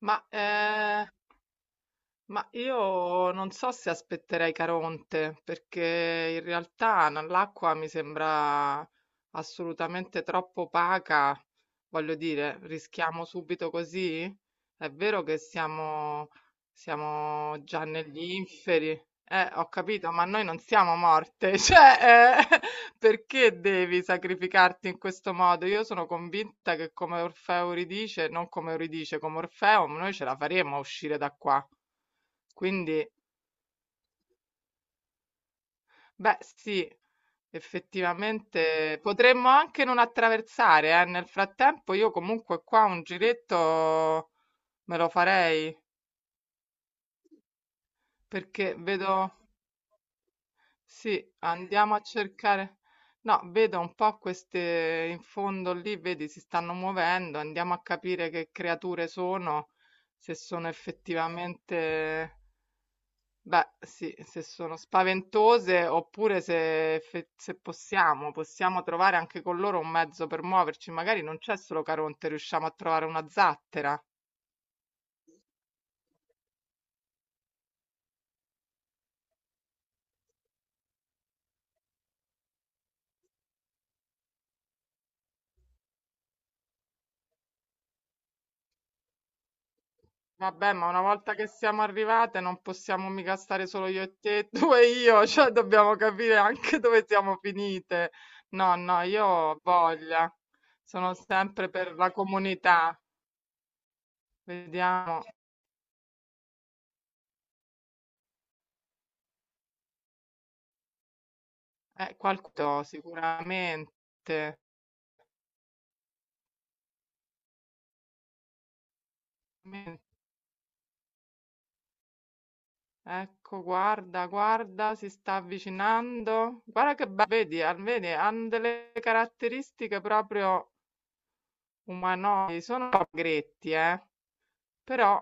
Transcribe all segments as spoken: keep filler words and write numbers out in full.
Ma, ehm ma io non so se aspetterei Caronte, perché in realtà n- l'acqua mi sembra assolutamente troppo opaca. Voglio dire, rischiamo subito così? È vero che siamo, siamo già negli inferi. Eh, ho capito, ma noi non siamo morte. Cioè, eh, perché devi sacrificarti in questo modo? Io sono convinta che come Orfeo ridice, non come Euridice, come Orfeo, noi ce la faremo a uscire da qua. Quindi, beh, sì, effettivamente potremmo anche non attraversare, eh. Nel frattempo io comunque qua un giretto me lo farei, perché vedo, sì, andiamo a cercare, no, vedo un po' queste in fondo lì, vedi, si stanno muovendo, andiamo a capire che creature sono, se sono effettivamente... Beh, sì, se sono spaventose oppure se, effe- se possiamo, possiamo trovare anche con loro un mezzo per muoverci. Magari non c'è solo Caronte, riusciamo a trovare una zattera. Vabbè, ma una volta che siamo arrivate non possiamo mica stare solo io e te, tu e io, cioè dobbiamo capire anche dove siamo finite. No, no, io ho voglia, sono sempre per la comunità. Vediamo, eh, qualcuno sicuramente. Ecco, guarda, guarda, si sta avvicinando. Guarda che bello, vedi, ha- vedi, hanno delle caratteristiche proprio umanoidi, sono un po' gretti, eh, però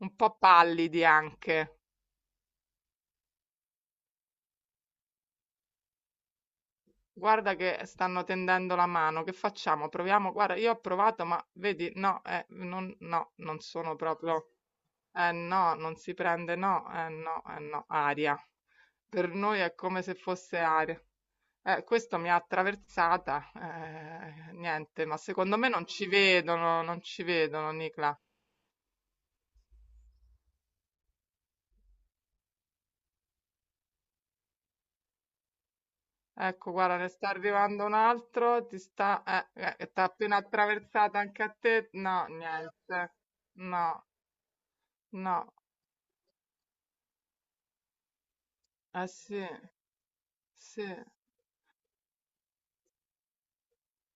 un po' pallidi anche. Guarda che stanno tendendo la mano, che facciamo? Proviamo, guarda, io ho provato, ma vedi, no, eh, non, no, non sono proprio, eh no, non si prende, no, eh no, eh no, aria. Per noi è come se fosse aria. Eh, questo mi ha attraversata, eh, niente, ma secondo me non ci vedono, non ci vedono, Nicla. Ecco, guarda, ne sta arrivando un altro, ti sta, eh, eh, t'ha appena attraversata anche a te? No, niente, no, no, eh sì, sì,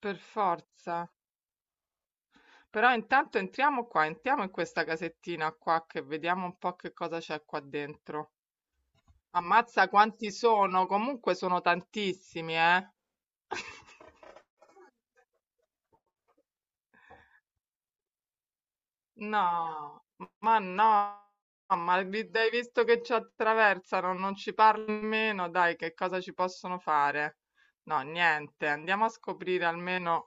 per forza. Però intanto entriamo qua, entriamo in questa casettina qua che vediamo un po' che cosa c'è qua dentro. Ammazza quanti sono, comunque sono tantissimi, eh. No, ma no, ma li- dai visto che ci attraversano, non ci parli nemmeno, dai, che cosa ci possono fare? No, niente, andiamo a scoprire almeno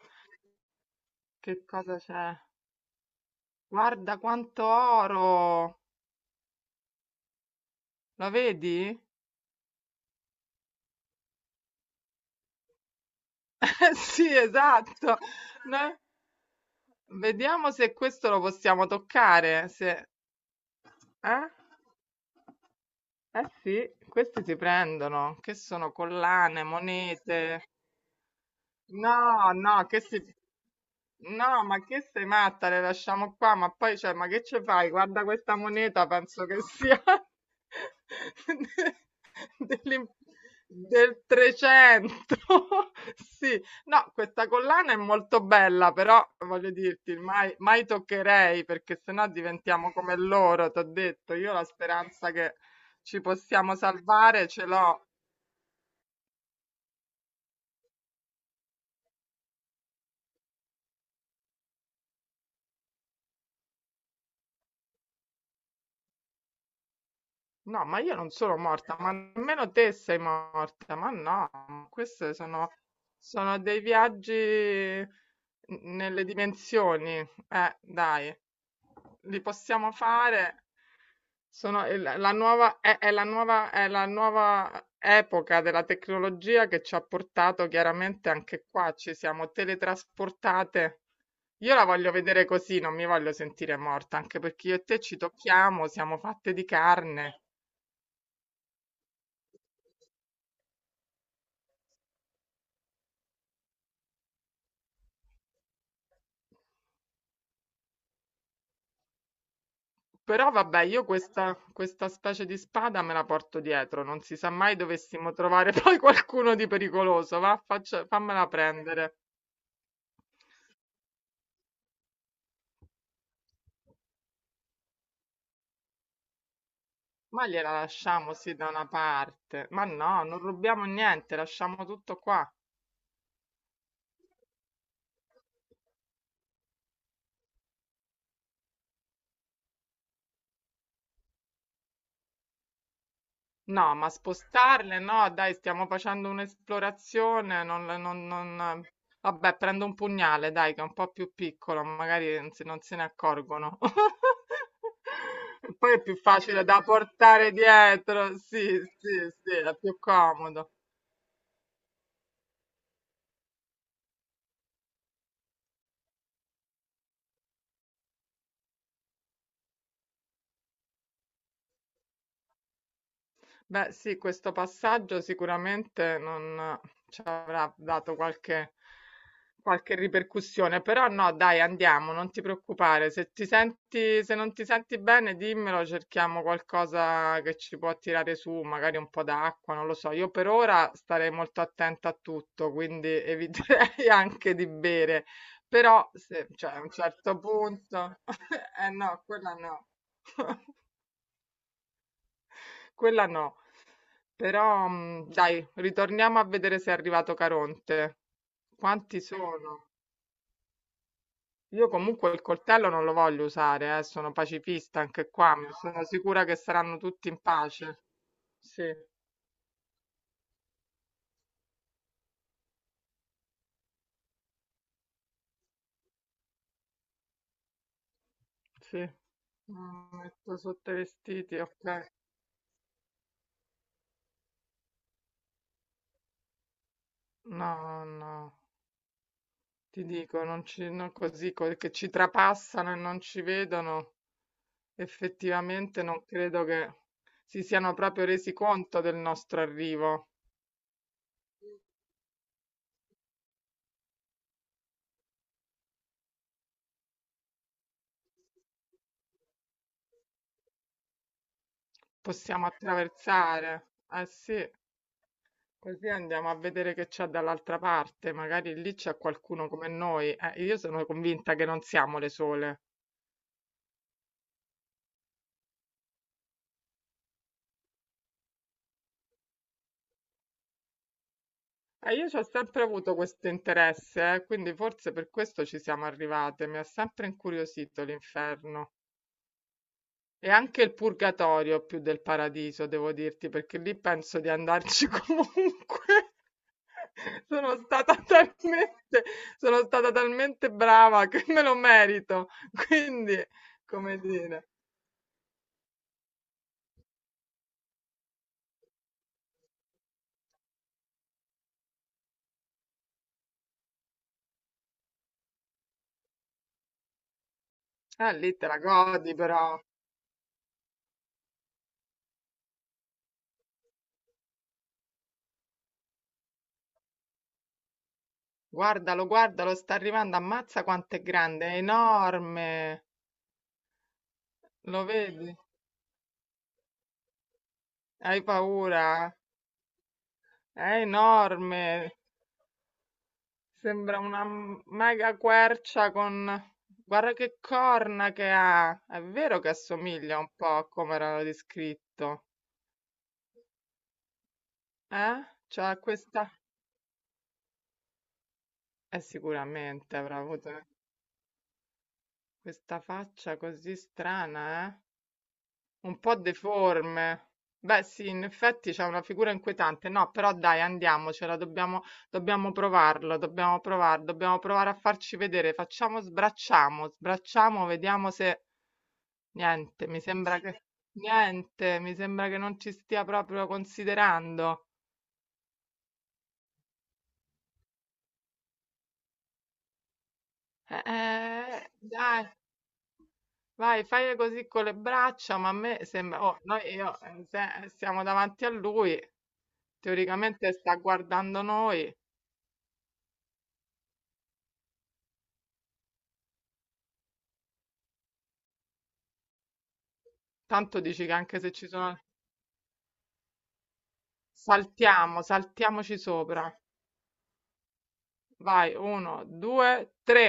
che cosa c'è. Guarda quanto oro! Lo vedi? Sì, esatto. Noi- Vediamo se questo lo possiamo toccare, se... Eh? Eh sì, questi si prendono, che sono collane, monete. No, no, che si... No, ma che sei matta, le lasciamo qua, ma poi, cioè, ma che ci fai? Guarda questa moneta, penso che sia... Dell'im del trecento, sì. No, questa collana è molto bella, però voglio dirti, mai, mai toccherei perché sennò diventiamo come loro, t'ho detto. Io la speranza che ci possiamo salvare ce l'ho. No, ma io non sono morta, ma nemmeno te sei morta, ma no, questi sono, sono dei viaggi n- nelle dimensioni. Eh, dai, li possiamo fare. Sono il- la nuova, è, è la nuova, è la nuova epoca della tecnologia che ci ha portato chiaramente anche qua, ci siamo teletrasportate. Io la voglio vedere così, non mi voglio sentire morta, anche perché io e te ci tocchiamo, siamo fatte di carne. Però vabbè, io questa, questa specie di spada me la porto dietro, non si sa mai dovessimo trovare poi qualcuno di pericoloso, va, faccia- fammela prendere. Ma gliela lasciamo sì da una parte. Ma no, non rubiamo niente, lasciamo tutto qua. No, ma spostarle? No, dai, stiamo facendo un'esplorazione. Non, non, non... Vabbè, prendo un pugnale, dai, che è un po' più piccolo, magari non se, non se ne accorgono. Poi è più facile da portare dietro. Sì, sì, sì, è più comodo. Beh, sì, questo passaggio sicuramente non ci avrà dato qualche, qualche ripercussione, però no, dai, andiamo, non ti preoccupare. Se ti senti, se non ti senti bene, dimmelo, cerchiamo qualcosa che ci può tirare su, magari un po' d'acqua, non lo so. Io per ora starei molto attenta a tutto, quindi eviterei anche di bere. Però, se, cioè, a un certo punto, eh no, quella no. Quella no. Però, mh, dai, ritorniamo a vedere se è arrivato Caronte. Quanti sono? Io comunque il coltello non lo voglio usare, eh, sono pacifista anche qua, mi sono sicura che saranno tutti in pace. Sì, sì. Mm, metto sotto i vestiti, ok. No, no, ti dico, non ci, non così, co- che ci trapassano e non ci vedono, effettivamente non credo che si siano proprio resi conto del nostro arrivo. Possiamo attraversare. Eh sì, così andiamo a vedere che c'è dall'altra parte. Magari lì c'è qualcuno come noi. Eh, io sono convinta che non siamo le sole. E io ci ho sempre avuto questo interesse, eh, quindi forse per questo ci siamo arrivate. Mi ha sempre incuriosito l'inferno. E anche il purgatorio più del paradiso, devo dirti, perché lì penso di andarci comunque. Sono stata talmente, sono stata talmente brava che me lo merito. Quindi, come dire, ah, lì te la godi però. Guardalo, guardalo, sta arrivando. Ammazza quanto è grande, è enorme. Lo vedi? Hai paura? È enorme. Sembra una m- mega quercia con... Guarda che corna che ha! È vero che assomiglia un po' a come l'hanno descritto, eh? Cioè questa... Eh, sicuramente avrà avuto questa faccia così strana, eh? Un po' deforme. Beh, sì, in effetti c'è una figura inquietante. No, però dai, andiamocela, dobbiamo, dobbiamo provarlo, dobbiamo provare, dobbiamo provare a farci vedere. Facciamo, sbracciamo, sbracciamo, vediamo se... Niente, mi sembra che niente, mi sembra che non ci stia proprio considerando. Eh, eh, dai, vai, fai così con le braccia, ma a me sembra, oh, noi io, eh, se- siamo davanti a lui, teoricamente sta guardando noi. Tanto dici che anche se ci sono, saltiamo, saltiamoci sopra. Vai, uno, due, tre.